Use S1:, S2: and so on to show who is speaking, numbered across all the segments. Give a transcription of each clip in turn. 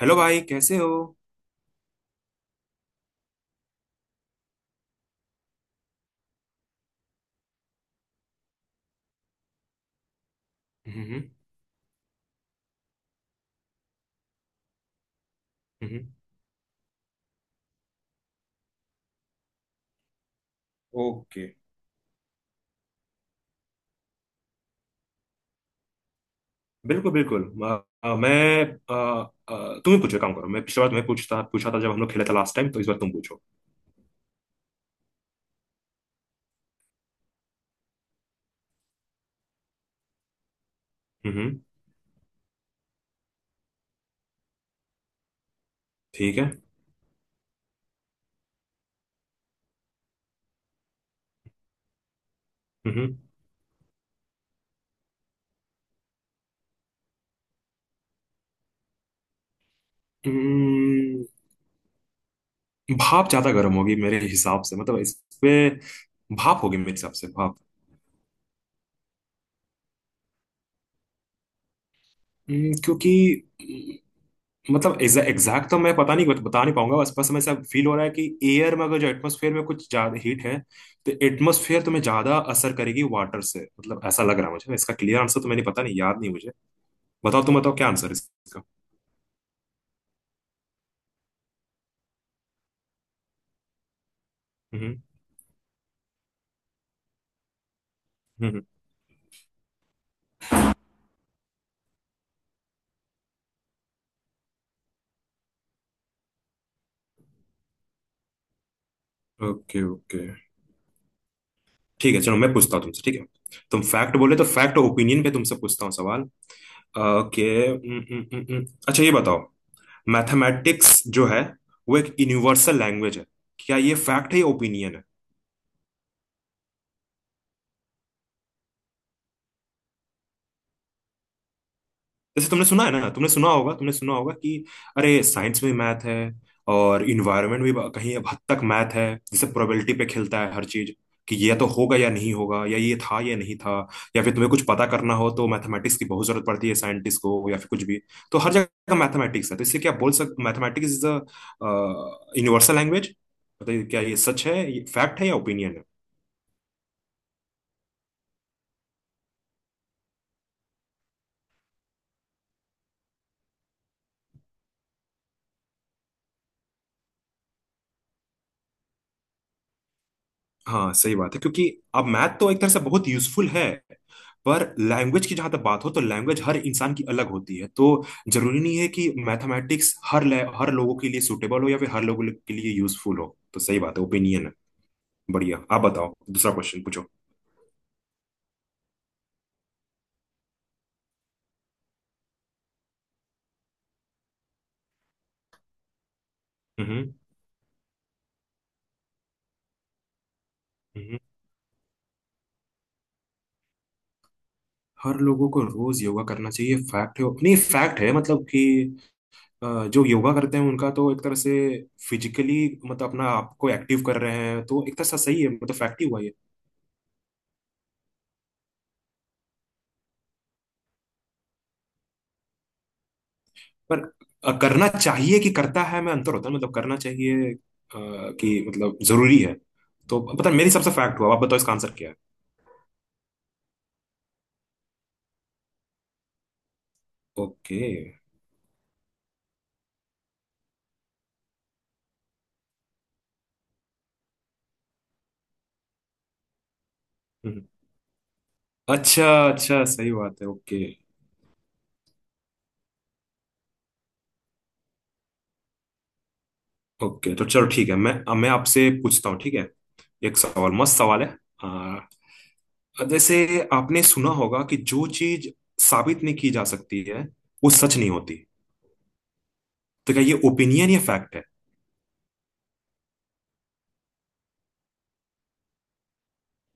S1: Hello भाई, कैसे हो। हम्म। हम्म। ओके। बिल्कुल बिल्कुल, मैं तुम ही पूछो, एक काम करो, मैं पिछली बार तुम्हें पूछता पूछा था जब हम लोग खेले थे लास्ट टाइम, तो इस बार तुम पूछो। हम्म। ठीक है। हम्म। हम्म, भाप ज्यादा गर्म होगी मेरे हिसाब से, मतलब इस पे भाप होगी मेरे हिसाब से, भाप। क्योंकि मतलब एग्जैक्ट तो मैं पता नहीं, बता नहीं पाऊंगा, बस बस हमें ऐसा फील हो रहा है कि एयर में, अगर जो एटमोसफेयर में कुछ ज्यादा हीट है, तो एटमोसफेयर तुम्हें ज्यादा असर करेगी वाटर से, मतलब ऐसा लग रहा है मुझे। इसका क्लियर आंसर तो मैंने पता नहीं, याद नहीं मुझे, बताओ, तुम बताओ क्या आंसर है इसका। हम्म। ओके ओके, ठीक है चलो, मैं पूछता हूँ तुमसे, ठीक है। तुम फैक्ट बोले तो फैक्ट और ओपिनियन पे तुमसे पूछता हूँ सवाल। ओके। अच्छा, ये बताओ, मैथमेटिक्स जो है वो एक यूनिवर्सल लैंग्वेज है। क्या ये फैक्ट है या ओपिनियन है? जैसे तुमने सुना है ना, तुमने सुना होगा, तुमने सुना होगा कि अरे साइंस में मैथ है, और इन्वायरमेंट भी कहीं अब हद तक मैथ है, जैसे प्रोबेबिलिटी पे खेलता है हर चीज, कि ये तो होगा या नहीं होगा, या ये था या नहीं था, या फिर तुम्हें कुछ पता करना हो तो मैथमेटिक्स की बहुत जरूरत पड़ती है साइंटिस्ट को, या फिर कुछ भी। तो हर जगह मैथमेटिक्स है, तो इससे क्या बोल सकते, mathematics is a universal language. बताइए, क्या ये सच है, ये फैक्ट है या ओपिनियन है? हाँ, सही बात है, क्योंकि अब मैथ तो एक तरह से बहुत यूजफुल है, पर लैंग्वेज की जहां तक बात हो, तो लैंग्वेज हर इंसान की अलग होती है, तो जरूरी नहीं है कि मैथमेटिक्स हर लोगों के लिए सूटेबल हो, या फिर हर लोगों के लिए यूजफुल हो, तो सही बात है, ओपिनियन है। बढ़िया, आप बताओ, दूसरा क्वेश्चन पूछो। हम्म। हम्म। हर लोगों को रोज योगा करना चाहिए, फैक्ट है, नहीं फैक्ट है, मतलब कि जो योगा करते हैं उनका तो एक तरह से फिजिकली मतलब अपना आपको एक्टिव कर रहे हैं, तो एक तरह से सही है, मतलब फैक्ट ही हुआ। पर करना चाहिए कि करता है में अंतर होता है, मतलब करना चाहिए कि मतलब जरूरी है, तो पता नहीं, मेरी सबसे फैक्ट हुआ, आप बताओ इसका आंसर क्या है। ओके। हम्म। हम्म। अच्छा। अच्छा, सही बात है, ओके। ओके, तो चलो ठीक है, मैं अब मैं आपसे पूछता हूँ, ठीक है। एक सवाल, मस्त सवाल है। आ, जैसे आपने सुना होगा कि जो चीज साबित नहीं की जा सकती है, वो सच नहीं होती। तो क्या ये ओपिनियन या फैक्ट है?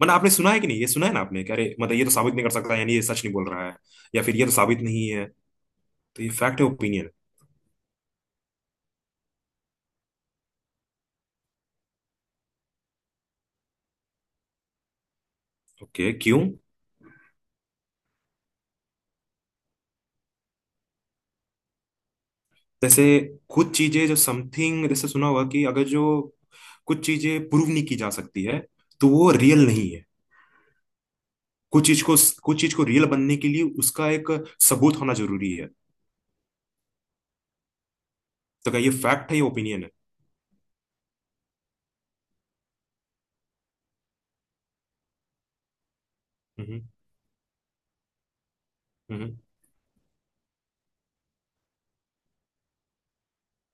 S1: मतलब आपने सुना है कि नहीं, ये सुना है ना आपने कि अरे मतलब ये तो साबित नहीं कर सकता, यानी ये सच नहीं बोल रहा है, या फिर ये तो साबित नहीं है, तो ये फैक्ट है ओपिनियन? ओके, क्यों? जैसे कुछ चीजें जो समथिंग, जैसे सुना होगा कि अगर जो कुछ चीजें प्रूव नहीं की जा सकती है, तो वो रियल नहीं है। कुछ चीज को कुछ चीज को रियल बनने के लिए उसका एक सबूत होना जरूरी है। तो क्या ये फैक्ट है या ओपिनियन है? हम्म। हम्म।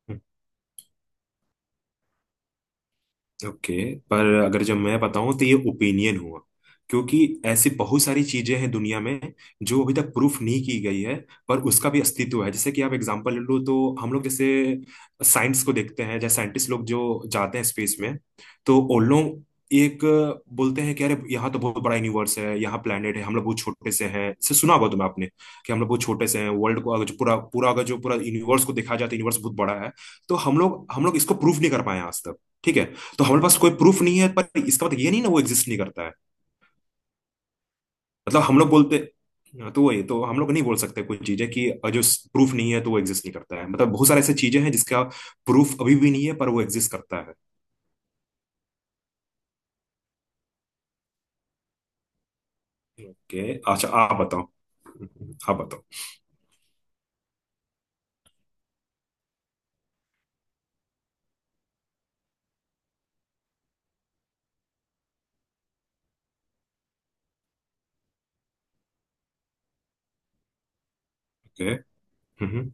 S1: हम्म। ओके, पर अगर जब मैं बताऊं तो ये ओपिनियन हुआ, क्योंकि ऐसी बहुत सारी चीजें हैं दुनिया में जो अभी तक प्रूफ नहीं की गई है, पर उसका भी अस्तित्व है। जैसे कि आप एग्जांपल ले लो, तो हम लोग जैसे साइंस को देखते हैं, जैसे साइंटिस्ट लोग जो जाते हैं स्पेस में, तो उन लोग एक बोलते हैं कि अरे यहाँ तो बहुत बड़ा यूनिवर्स है, यहाँ प्लेनेट है, हम लोग बहुत छोटे से हैं, इसे सुना होगा तुम्हें, आपने कि हम लोग बहुत छोटे से हैं, वर्ल्ड को अगर जो पूरा पूरा अगर जो पूरा यूनिवर्स को देखा जाए तो यूनिवर्स बहुत बड़ा है। तो हम लोग इसको प्रूफ नहीं कर पाए हैं आज तक, ठीक है। तो हमारे पास कोई प्रूफ नहीं है, पर इसका मतलब ये नहीं ना वो एग्जिस्ट नहीं करता है। मतलब हम लोग बोलते हाँ, तो वही तो हम लोग नहीं बोल सकते कोई चीजें कि जो प्रूफ नहीं है तो वो एग्जिस्ट नहीं करता है, मतलब बहुत सारे ऐसे चीजें हैं जिसका प्रूफ अभी भी नहीं है, पर वो एग्जिस्ट करता है। ओके। अच्छा, आप बताओ ओके, हम्म।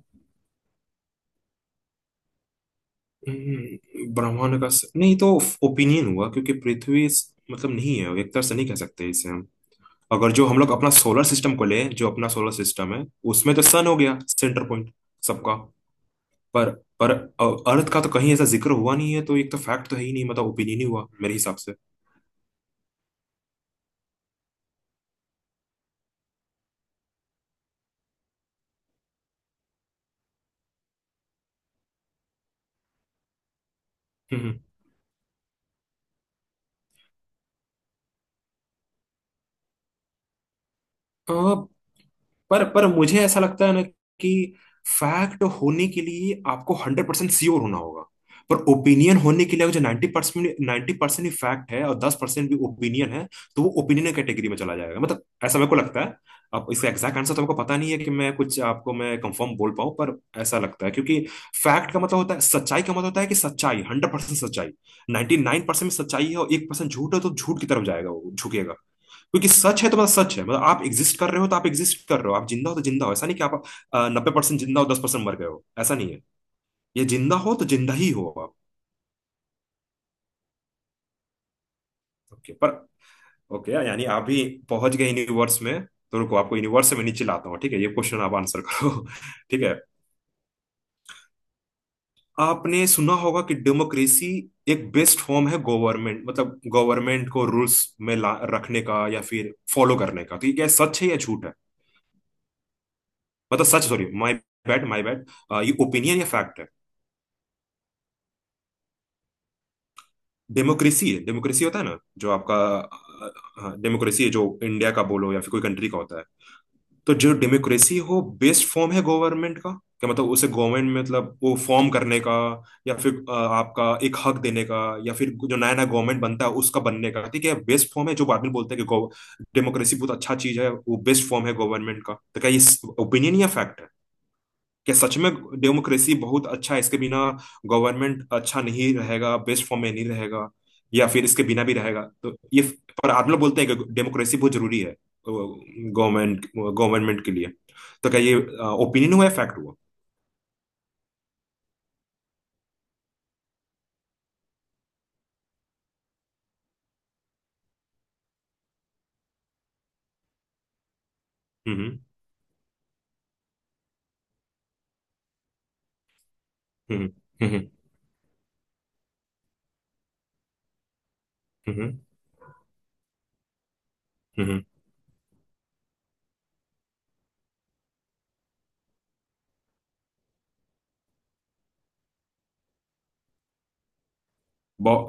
S1: ब्रह्मांड का स... नहीं, तो ओपिनियन हुआ क्योंकि पृथ्वी इस- मतलब नहीं है, एक तरह से नहीं कह सकते इसे हम। अगर जो हम लोग अपना सोलर सिस्टम को ले, जो अपना सोलर सिस्टम है, उसमें तो सन हो गया सेंटर पॉइंट सबका। पर पर अर्थ का तो कहीं ऐसा जिक्र हुआ नहीं है, तो एक तो फैक्ट तो है ही नहीं, मतलब ओपिनियन ही हुआ मेरे हिसाब से। हम्म। पर मुझे ऐसा लगता है ना कि फैक्ट होने के लिए आपको 100% श्योर होना होगा, पर ओपिनियन होने के लिए, अगर जो 90%, 90% ही फैक्ट है और 10% भी ओपिनियन है, तो वो ओपिनियन कैटेगरी में चला जाएगा, मतलब ऐसा मेरे को लगता है। अब इसका एग्जैक्ट आंसर तो आपको पता नहीं है कि मैं कुछ आपको मैं कंफर्म बोल पाऊं, पर ऐसा लगता है, क्योंकि फैक्ट का मतलब होता है सच्चाई, का मतलब होता है कि सच्चाई, 100% सच्चाई। 99% में सच्चाई है और 1% झूठ है, तो झूठ की तरफ जाएगा वो, झुकेगा। क्योंकि सच है तो मतलब सच है, मतलब आप एग्जिस्ट कर रहे हो तो आप एग्जिस्ट कर रहे हो, आप जिंदा हो तो जिंदा हो, ऐसा नहीं कि आप 90% जिंदा हो, 10% मर गए हो, ऐसा नहीं है। ये जिंदा हो तो जिंदा ही हो आप। ओके, पर ओके, यानी आप भी पहुंच गए यूनिवर्स में, तो रुको, आपको यूनिवर्स में नीचे लाता हूँ, ठीक है, ये क्वेश्चन आप आंसर करो ठीक है। आपने सुना होगा कि डेमोक्रेसी एक बेस्ट फॉर्म है गवर्नमेंट, मतलब गवर्नमेंट को रूल्स में ला रखने का या फिर फॉलो करने का, तो ये क्या सच है या झूठ है, मतलब सच, sorry, my bad my bad, ये ओपिनियन या फैक्ट है? डेमोक्रेसी होता है ना जो आपका, हाँ, डेमोक्रेसी है जो इंडिया का बोलो या फिर कोई कंट्री का होता है। तो जो डेमोक्रेसी हो बेस्ट फॉर्म है गवर्नमेंट का, क्या मतलब उसे गवर्नमेंट में, मतलब वो फॉर्म करने का, या फिर आपका एक हक देने का, या फिर जो नया नया गवर्नमेंट बनता है उसका बनने का, ठीक है, बेस्ट फॉर्म है, जो बाद में बोलते हैं कि डेमोक्रेसी बहुत अच्छा चीज है, वो बेस्ट फॉर्म है गवर्नमेंट का, तो क्या ये ओपिनियन या फैक्ट है? कि सच में डेमोक्रेसी बहुत अच्छा है, इसके बिना गवर्नमेंट अच्छा नहीं रहेगा, बेस्ट फॉर्म में नहीं रहेगा, या फिर इसके बिना भी रहेगा, तो ये, पर आप लोग बोलते हैं कि डेमोक्रेसी बहुत जरूरी है गवर्नमेंट गवर्नमेंट के लिए, तो क्या ये ओपिनियन हुआ है फैक्ट हुआ? हम्म। हम्म। हम्म। हम्म। हम्म। हम्म, हम्म, बहु-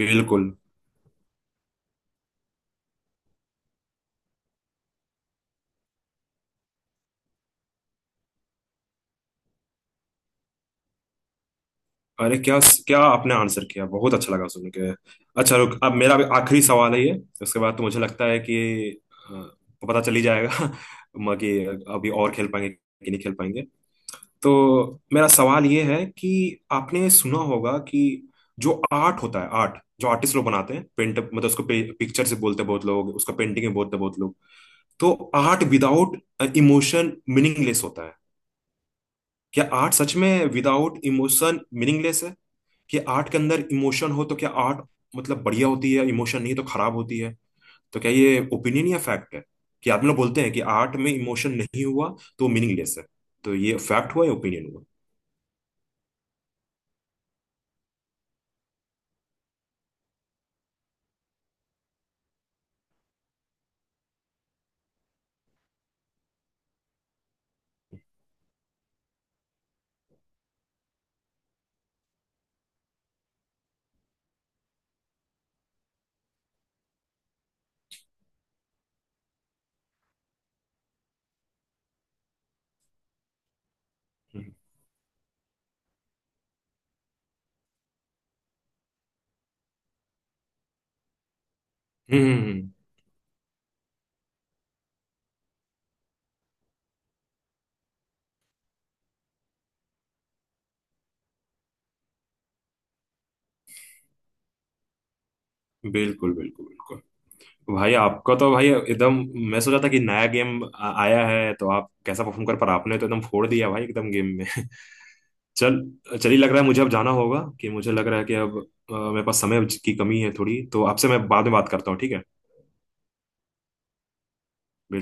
S1: बिल्कुल। अरे क्या, क्या आपने आंसर किया, बहुत अच्छा लगा सुन के। अच्छा, रुक, अब मेरा भी आखिरी सवाल है ये, उसके बाद तो मुझे लगता है कि अ, पता चल ही जाएगा कि अभी और खेल पाएंगे कि नहीं खेल पाएंगे। तो मेरा सवाल ये है कि आपने सुना होगा कि जो आर्ट होता है, आर्ट जो आर्टिस्ट लोग बनाते हैं, पेंट, मतलब उसको पिक्चर से बोलते हैं बहुत लोग, उसको पेंटिंग में बोलते हैं बहुत लोग, तो आर्ट विदाउट इमोशन मीनिंगलेस होता है। क्या आर्ट सच में विदाउट इमोशन मीनिंगलेस है, कि आर्ट के अंदर इमोशन हो तो क्या आर्ट मतलब बढ़िया होती है इमोशन, नहीं तो खराब होती है? तो क्या ये ओपिनियन या फैक्ट है कि आप लोग बोलते हैं कि आर्ट में इमोशन नहीं हुआ तो मीनिंगलेस है? तो ये फैक्ट हुआ या ओपिनियन हुआ? हम्म। हम्म, हम्म, बिल्कुल बिल्कुल बिल्कुल। भाई, आपका तो भाई एकदम, मैं सोचा था कि नया गेम आया है तो आप कैसा परफॉर्म कर, पर आपने तो एकदम फोड़ दिया भाई, एकदम गेम में चल, चलिए, लग रहा है मुझे अब जाना होगा, कि मुझे लग रहा है कि अब मेरे पास समय की कमी है थोड़ी, तो आपसे मैं बाद में बात करता हूँ, ठीक है।